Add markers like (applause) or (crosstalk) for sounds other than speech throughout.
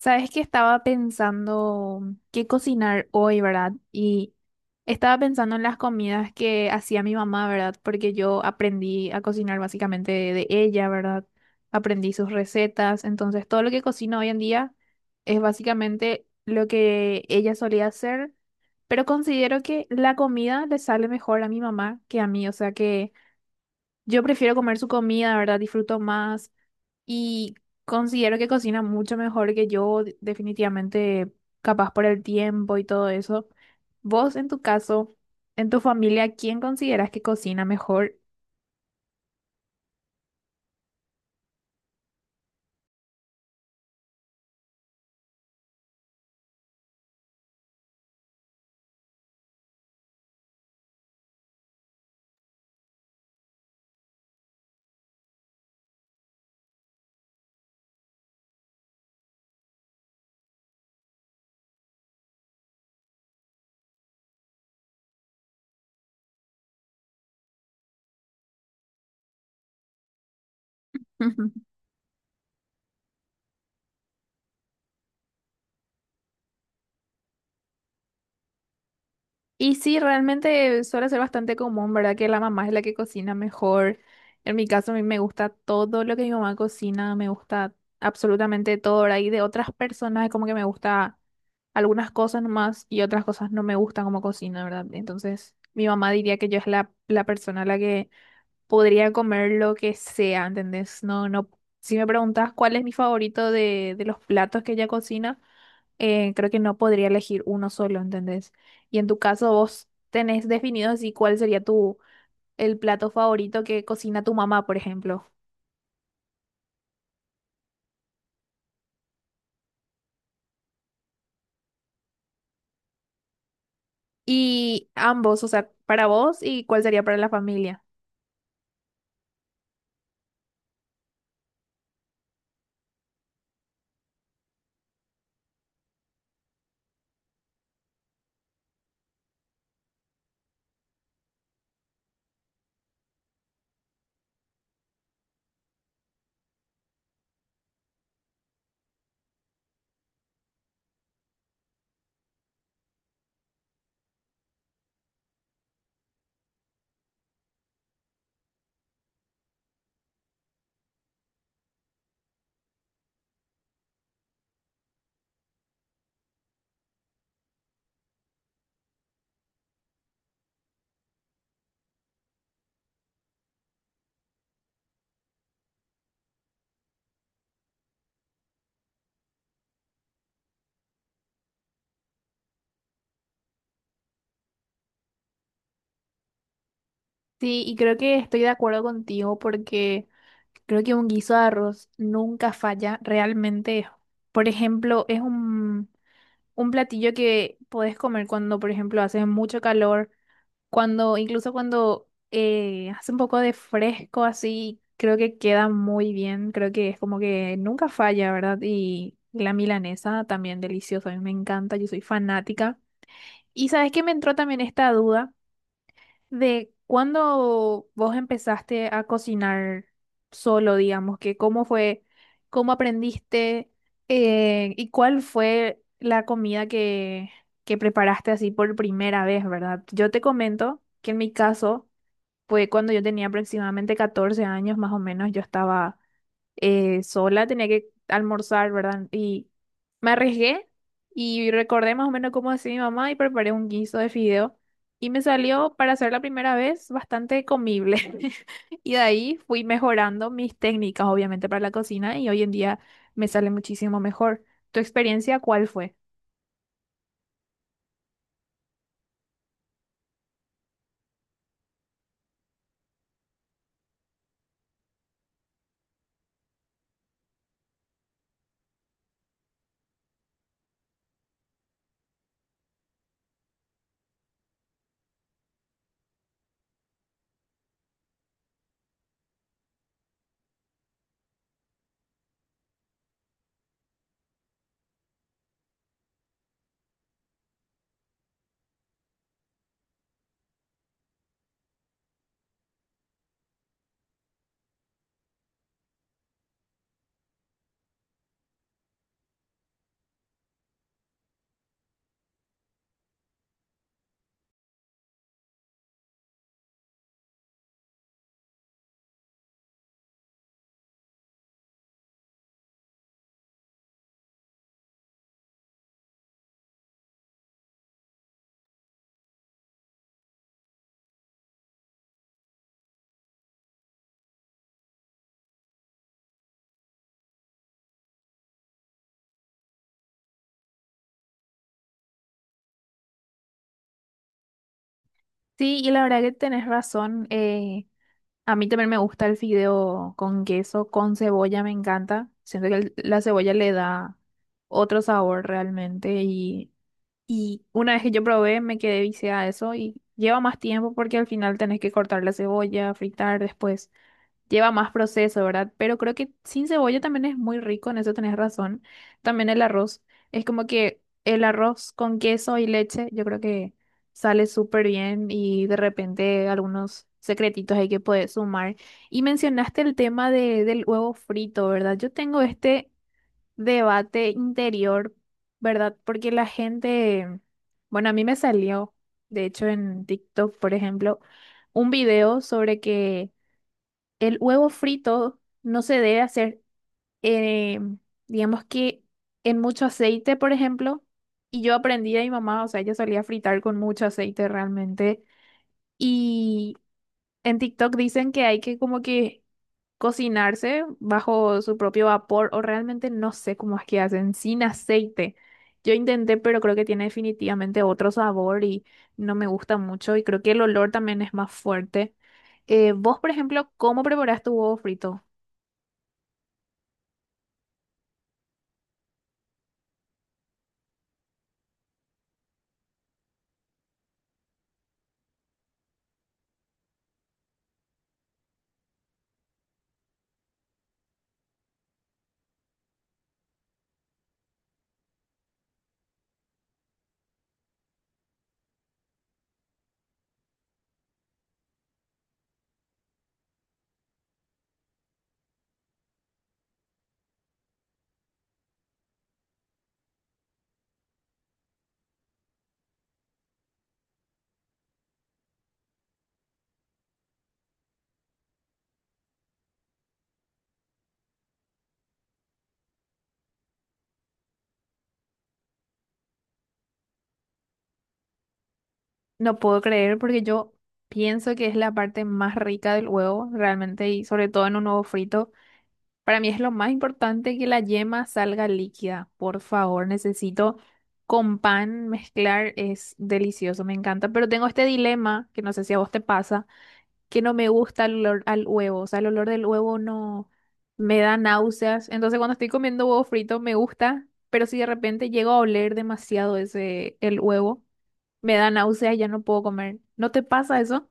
Sabes que estaba pensando qué cocinar hoy, ¿verdad? Y estaba pensando en las comidas que hacía mi mamá, ¿verdad? Porque yo aprendí a cocinar básicamente de ella, ¿verdad? Aprendí sus recetas, entonces todo lo que cocino hoy en día es básicamente lo que ella solía hacer, pero considero que la comida le sale mejor a mi mamá que a mí, o sea que yo prefiero comer su comida, ¿verdad? Disfruto más. Y considero que cocina mucho mejor que yo, definitivamente, capaz por el tiempo y todo eso. Vos, en tu caso, en tu familia, ¿quién consideras que cocina mejor? (laughs) Y sí, realmente suele ser bastante común, ¿verdad? Que la mamá es la que cocina mejor. En mi caso, a mí me gusta todo lo que mi mamá cocina, me gusta absolutamente todo, ¿verdad? Y de otras personas es como que me gusta algunas cosas nomás y otras cosas no me gustan como cocina, ¿verdad? Entonces, mi mamá diría que yo es la persona a la que podría comer lo que sea, ¿entendés? No, no. Si me preguntas cuál es mi favorito de los platos que ella cocina creo que no podría elegir uno solo, ¿entendés? Y en tu caso vos tenés definido así cuál sería tu el plato favorito que cocina tu mamá, por ejemplo. Y ambos, o sea, para vos y cuál sería para la familia. Sí, y creo que estoy de acuerdo contigo porque creo que un guiso de arroz nunca falla realmente. Por ejemplo, un platillo que podés comer cuando, por ejemplo, hace mucho calor. Cuando, incluso cuando hace un poco de fresco así, creo que queda muy bien. Creo que es como que nunca falla, ¿verdad? Y la milanesa también deliciosa. A mí me encanta, yo soy fanática. Y sabes que me entró también esta duda. ¿De cuándo vos empezaste a cocinar solo, digamos, que cómo fue, cómo aprendiste y cuál fue la comida que preparaste así por primera vez, ¿verdad? Yo te comento que en mi caso fue cuando yo tenía aproximadamente 14 años más o menos, yo estaba sola, tenía que almorzar, ¿verdad? Y me arriesgué y recordé más o menos cómo hacía mi mamá y preparé un guiso de fideo y me salió para hacer la primera vez bastante comible. (laughs) Y de ahí fui mejorando mis técnicas, obviamente, para la cocina y hoy en día me sale muchísimo mejor. ¿Tu experiencia cuál fue? Sí, y la verdad que tenés razón. A mí también me gusta el fideo con queso, con cebolla, me encanta. Siento que la cebolla le da otro sabor realmente y una vez que yo probé me quedé viciada a eso y lleva más tiempo porque al final tenés que cortar la cebolla, fritar después lleva más proceso, ¿verdad? Pero creo que sin cebolla también es muy rico, en eso tenés razón. También el arroz. Es como que el arroz con queso y leche, yo creo que sale súper bien y de repente algunos secretitos hay que poder sumar. Y mencionaste el tema del huevo frito, ¿verdad? Yo tengo este debate interior, ¿verdad? Porque la gente, bueno, a mí me salió, de hecho, en TikTok, por ejemplo, un video sobre que el huevo frito no se debe hacer, eh, digamos que en mucho aceite, por ejemplo. Y yo aprendí a mi mamá, o sea, ella solía fritar con mucho aceite realmente. Y en TikTok dicen que hay que como que cocinarse bajo su propio vapor, o realmente no sé cómo es que hacen, sin aceite. Yo intenté, pero creo que tiene definitivamente otro sabor y no me gusta mucho. Y creo que el olor también es más fuerte. Vos, por ejemplo, ¿cómo preparás tu huevo frito? No puedo creer porque yo pienso que es la parte más rica del huevo, realmente, y sobre todo en un huevo frito. Para mí es lo más importante que la yema salga líquida. Por favor, necesito con pan mezclar, es delicioso, me encanta. Pero tengo este dilema, que no sé si a vos te pasa que no me gusta el olor al huevo, o sea, el olor del huevo no me da náuseas. Entonces, cuando estoy comiendo huevo frito me gusta, pero si de repente llego a oler demasiado ese el huevo, me da náuseas, ya no puedo comer. ¿No te pasa eso?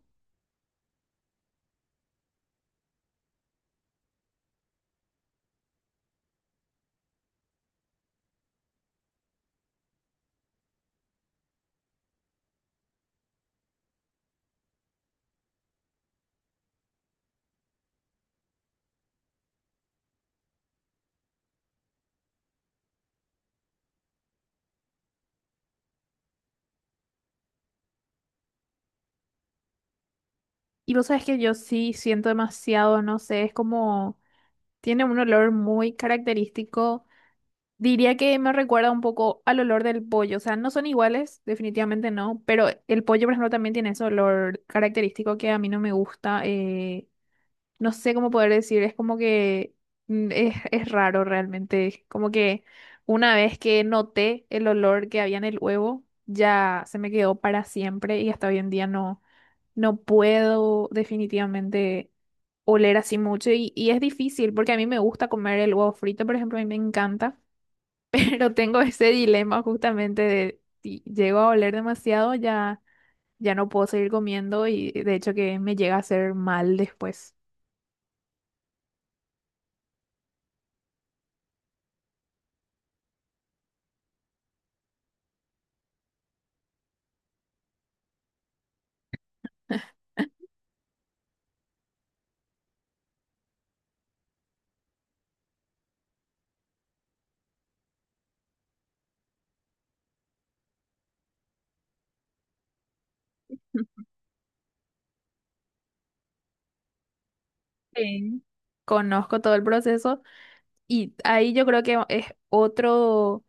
Y vos sabes que yo sí siento demasiado, no sé, es como tiene un olor muy característico. Diría que me recuerda un poco al olor del pollo, o sea, no son iguales, definitivamente no, pero el pollo, por ejemplo, también tiene ese olor característico que a mí no me gusta. No sé cómo poder decir, es como que mm, es raro realmente, es como que una vez que noté el olor que había en el huevo, ya se me quedó para siempre y hasta hoy en día no, no puedo definitivamente oler así mucho y es difícil porque a mí me gusta comer el huevo frito, por ejemplo, a mí me encanta, (laughs) pero tengo ese dilema justamente de si llego a oler demasiado ya, ya no puedo seguir comiendo y de hecho que me llega a hacer mal después. Sí. Conozco todo el proceso y ahí yo creo que es otro,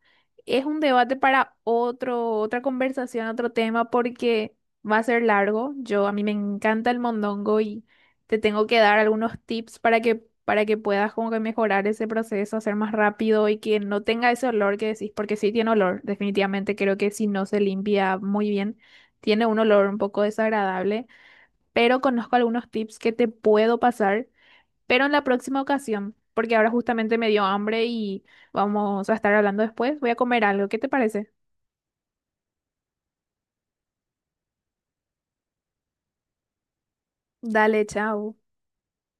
es un debate para otro, otra conversación, otro tema, porque va a ser largo. Yo, a mí me encanta el mondongo y te tengo que dar algunos tips para que puedas como que mejorar ese proceso, hacer más rápido y que no tenga ese olor que decís, porque sí tiene olor, definitivamente creo que si no se limpia muy bien, tiene un olor un poco desagradable, pero conozco algunos tips que te puedo pasar pero en la próxima ocasión, porque ahora justamente me dio hambre y vamos a estar hablando después, voy a comer algo. ¿Qué te parece? Dale, chao.